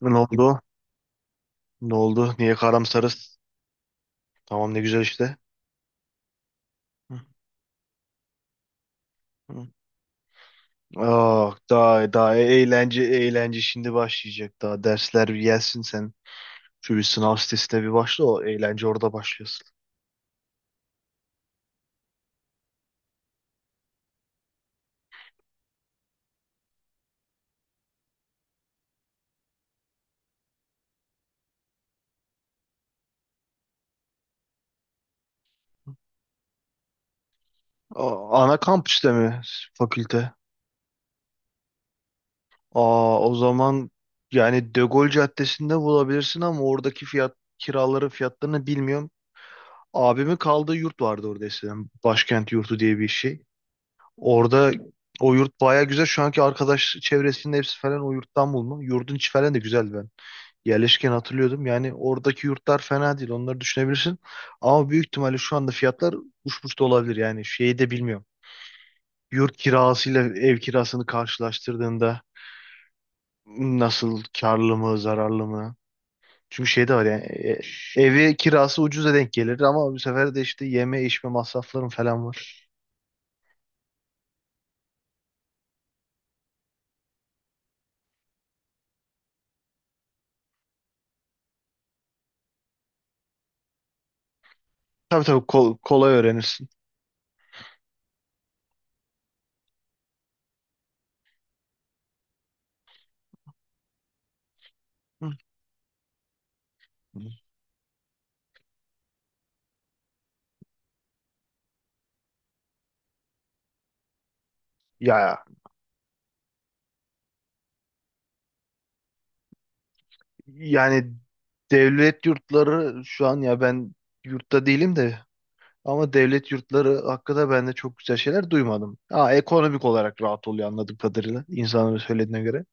Ne oldu? Ne oldu? Niye karamsarız? Tamam ne güzel işte. Hı, hı. Ah daha eğlence eğlence şimdi başlayacak. Daha dersler bir gelsin sen. Şu bir sınav sitesine bir başla, o eğlence orada başlıyorsun. Aa, ana kampüste mi fakülte? Aa o zaman yani De Gaulle Caddesi'nde bulabilirsin ama oradaki fiyat, kiraların fiyatlarını bilmiyorum. Abimin kaldığı yurt vardı orada eskiden. Başkent yurdu diye bir şey. Orada o yurt baya güzel. Şu anki arkadaş çevresinin hepsi falan o yurttan bulma. Yurdun içi falan da güzel ben. Yerleşken hatırlıyordum. Yani oradaki yurtlar fena değil. Onları düşünebilirsin. Ama büyük ihtimalle şu anda fiyatlar uçmuş da olabilir. Yani şeyi de bilmiyorum. Yurt kirasıyla ev kirasını karşılaştırdığında nasıl, karlı mı zararlı mı? Çünkü şey de var yani, evi kirası ucuza denk gelir ama bu sefer de işte yeme içme masrafların falan var. Tabii tabii, kolay öğrenirsin. Hı. Ya yani devlet yurtları şu an, ya ben yurtta değilim de, ama devlet yurtları hakkında ben de çok güzel şeyler duymadım. Ha, ekonomik olarak rahat oluyor anladığım kadarıyla, insanların söylediğine göre.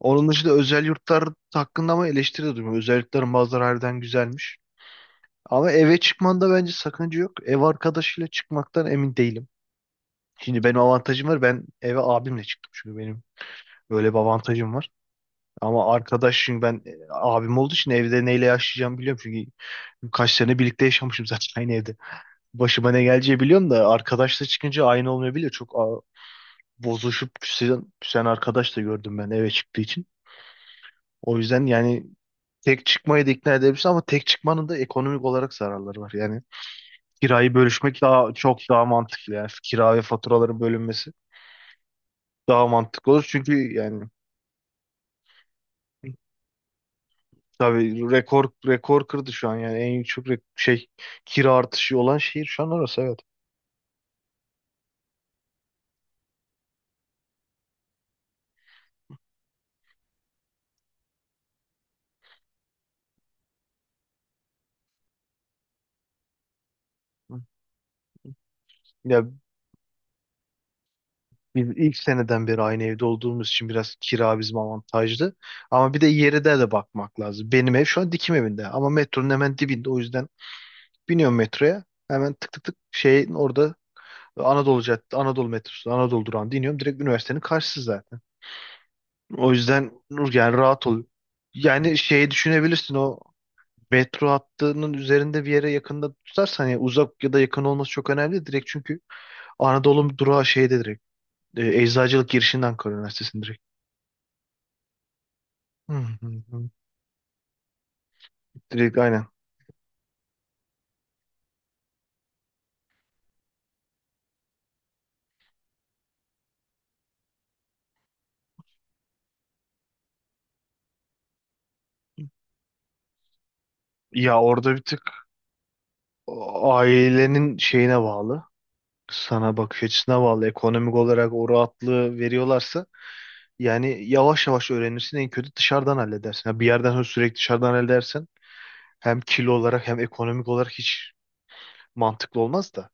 Onun dışında özel yurtlar hakkında ama eleştiri de duymadım. Özel yurtların bazıları harbiden güzelmiş. Ama eve çıkmanda bence sakınca yok. Ev arkadaşıyla çıkmaktan emin değilim. Şimdi benim avantajım var. Ben eve abimle çıktım çünkü benim böyle bir avantajım var. Ama arkadaş, çünkü ben abim olduğu için evde neyle yaşayacağımı biliyorum. Çünkü kaç sene birlikte yaşamışım zaten aynı evde. Başıma ne geleceği biliyorum da arkadaşla çıkınca aynı olmayabiliyor. Bozuşup küsen arkadaş da gördüm ben, eve çıktığı için. O yüzden yani tek çıkmayı da ikna edebilirsin ama tek çıkmanın da ekonomik olarak zararları var. Yani kirayı bölüşmek daha, çok daha mantıklı, yani kira ve faturaların bölünmesi daha mantıklı olur. Çünkü yani, tabii rekor rekor kırdı şu an, yani en yüksek şey, kira artışı olan şehir şu an orası, evet. Hı. Ya biz ilk seneden beri aynı evde olduğumuz için biraz kira bizim avantajlı. Ama bir de yere de bakmak lazım. Benim ev şu an dikim evinde ama metronun hemen dibinde, o yüzden biniyorum metroya. Hemen tık tık tık şeyin orada, Anadolu Caddesi, Anadolu metrosu, Anadolu durağında iniyorum. Direkt üniversitenin karşısı zaten. O yüzden Nur, yani rahat ol. Yani şeyi düşünebilirsin, o metro hattının üzerinde bir yere yakında tutarsan yani, uzak ya da yakın olması çok önemli değil. Direkt çünkü Anadolu durağı şeyde, direkt Eczacılık girişinden Ankara Üniversitesi'nin direkt. Hı, hı, hı. Direkt, aynen. Ya orada bir tık ailenin şeyine bağlı. Sana bakış açısına bağlı. Ekonomik olarak o rahatlığı veriyorlarsa yani yavaş yavaş öğrenirsin. En kötü dışarıdan halledersin. Ha, bir yerden sonra sürekli dışarıdan halledersen hem kilo olarak hem ekonomik olarak hiç mantıklı olmaz da.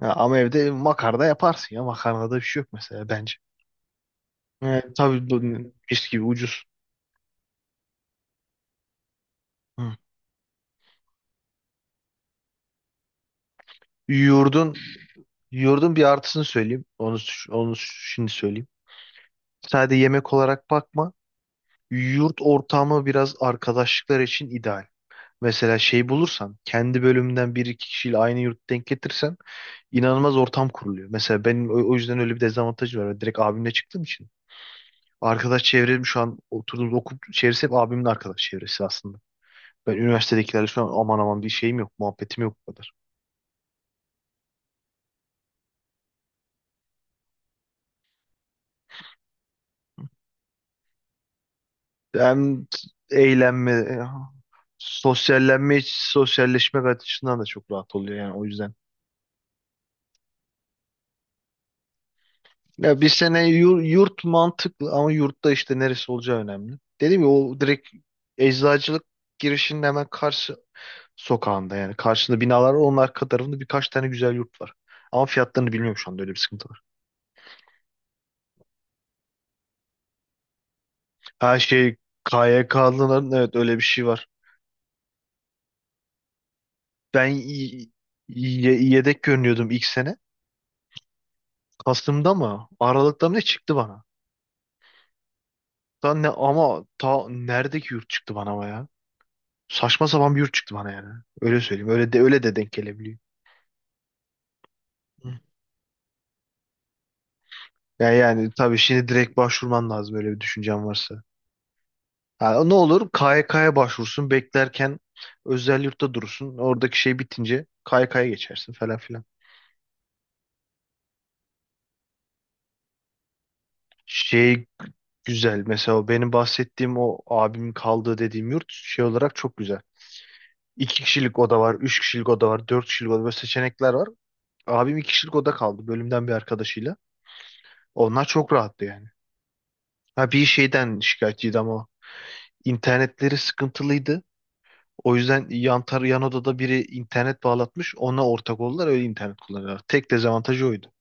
Ya ama evde makarna yaparsın ya. Makarnada bir şey yok mesela, bence. Evet, tabii bu, mis gibi ucuz. Hı. Yoğurdun, yoğurdun bir artısını söyleyeyim. Onu şimdi söyleyeyim. Sadece yemek olarak bakma. Yurt ortamı biraz arkadaşlıklar için ideal. Mesela şey bulursan, kendi bölümünden bir iki kişiyle aynı yurt denk getirsen inanılmaz ortam kuruluyor. Mesela benim o yüzden öyle bir dezavantajım var. Ben direkt abimle çıktığım için. Arkadaş çevrem şu an oturduğumuz okul çevresi, hep abimin arkadaş çevresi aslında. Ben üniversitedekilerle şu an aman aman bir şeyim yok, muhabbetim yok bu kadar. Hem eğlenme, sosyallenme, sosyalleşmek açısından da çok rahat oluyor yani, o yüzden. Ya bir sene yurt, mantıklı ama yurtta işte neresi olacağı önemli. Dedim ya, o direkt eczacılık girişinin hemen karşı sokağında, yani karşında binalar var, onun arka tarafında birkaç tane güzel yurt var. Ama fiyatlarını bilmiyorum şu anda, öyle bir sıkıntı var. Her şey, KYK'lıların, evet, öyle bir şey var. Ben yedek görünüyordum ilk sene. Kasım'da mı, Aralık'ta mı ne çıktı bana? Ta ne ama ta neredeki yurt çıktı bana, ama ya. Saçma sapan bir yurt çıktı bana yani. Öyle söyleyeyim. Öyle de öyle de denk gelebiliyor. Hı. Yani tabii şimdi direkt başvurman lazım öyle bir düşüncen varsa. Ha, ne olur KYK'ya başvursun, beklerken özel yurtta durursun. Oradaki şey bitince KYK'ya geçersin falan filan. Şey, güzel mesela, o benim bahsettiğim, o abimin kaldığı dediğim yurt şey olarak çok güzel. İki kişilik oda var, üç kişilik oda var, dört kişilik oda, böyle seçenekler var. Abim iki kişilik oda kaldı, bölümden bir arkadaşıyla. Onlar çok rahattı yani. Ha, bir şeyden şikayetçiydi ama o. internetleri sıkıntılıydı. O yüzden yan odada biri internet bağlatmış. Ona ortak oldular, öyle internet kullanıyorlar. Tek dezavantajı oydu.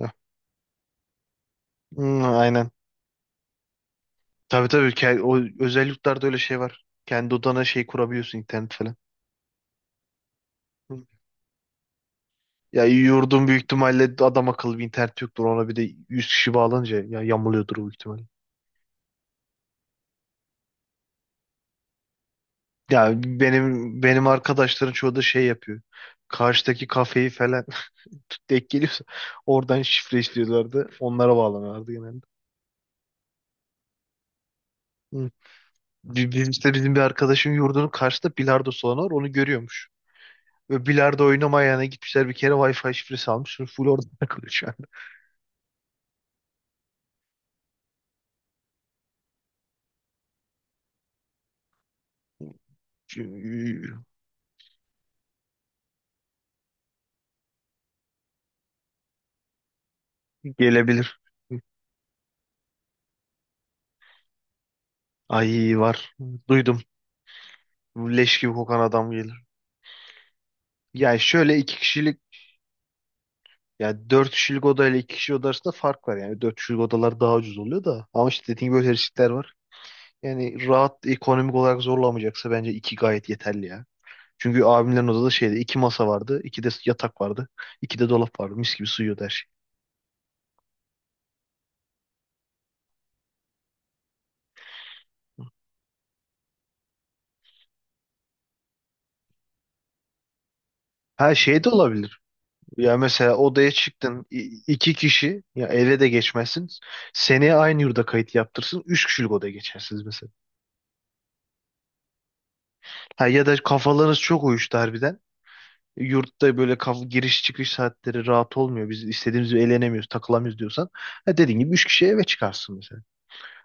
Heh. Hmm, aynen. Tabii tabii, o özelliklerde öyle şey var. Kendi odana şey kurabiliyorsun, internet falan. Hı. Ya yurdun büyük ihtimalle adam akıllı bir internet yoktur. Ona bir de 100 kişi bağlanınca ya yamuluyordur o, ihtimal. Ya benim arkadaşların çoğu da şey yapıyor. Karşıdaki kafeyi falan denk geliyorsa oradan şifre istiyorlardı. Onlara bağlanıyorlardı genelde. Hı. Bizim işte, bizim bir arkadaşın yurdunun karşısında bilardo salonu var. Onu görüyormuş. Ve bilardo oynamayana gitmişler bir kere, Wi-Fi şifresi almış. Şimdi full orada takılıyor şu anda. Çünkü gelebilir. Ay, var. Duydum. Leş gibi kokan adam gelir. Yani şöyle iki kişilik, yani 4 kişilik odayla iki 2 kişi oda arasında fark var. Yani 4 kişilik odalar daha ucuz oluyor da. Ama işte dediğim gibi böyle riskler var. Yani rahat, ekonomik olarak zorlamayacaksa bence 2 gayet yeterli ya. Çünkü abimlerin odada, şeyde, 2 masa vardı, 2 de yatak vardı, 2 de dolap vardı. Mis gibi sığıyordu her şey. Her şey de olabilir. Ya mesela odaya çıktın iki kişi, ya eve de geçmezsin. Seneye aynı yurda kayıt yaptırsın, üç kişilik odaya geçersiniz mesela. Ha, ya da kafalarınız çok uyuştu harbiden. Yurtta böyle giriş çıkış saatleri rahat olmuyor. Biz istediğimiz gibi eğlenemiyoruz, takılamıyoruz diyorsan, ha dediğin gibi üç kişi eve çıkarsın mesela.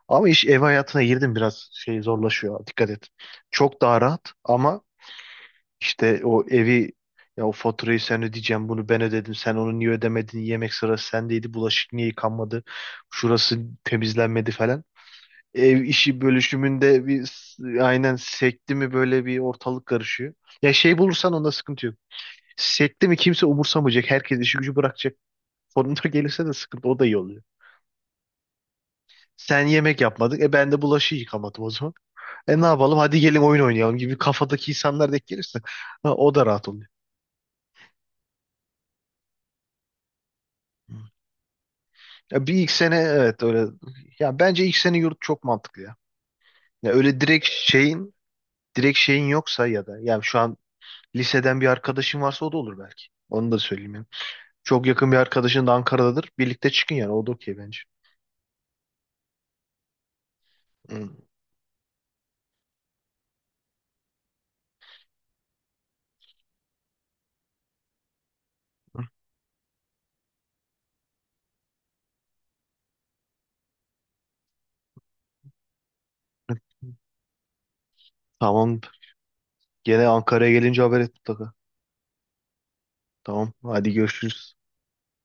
Ama iş ev hayatına girdim, biraz şey zorlaşıyor. Dikkat et. Çok daha rahat ama işte o evi, ya o faturayı sen ödeyeceğim, bunu ben ödedim, sen onu niye ödemedin, yemek sırası sendeydi, bulaşık niye yıkanmadı, şurası temizlenmedi falan. Ev işi bölüşümünde bir aynen sekti mi böyle bir, ortalık karışıyor. Ya şey bulursan, onda sıkıntı yok. Sekte mi, kimse umursamayacak. Herkes işi gücü bırakacak. Sonunda gelirse de sıkıntı. O da iyi oluyor. Sen yemek yapmadın. E ben de bulaşığı yıkamadım o zaman. E ne yapalım? Hadi gelin oyun oynayalım gibi kafadaki insanlar denk gelirse, ha, o da rahat oluyor. Ya bir ilk sene, evet, öyle. Ya bence ilk sene yurt çok mantıklı ya. Ya öyle direkt şeyin yoksa, ya da yani şu an liseden bir arkadaşın varsa o da olur belki. Onu da söyleyeyim yani. Çok yakın bir arkadaşın da Ankara'dadır, birlikte çıkın yani. O da okey bence. Hı. Tamam. Gene Ankara'ya gelince haber et mutlaka. Tamam. Hadi görüşürüz.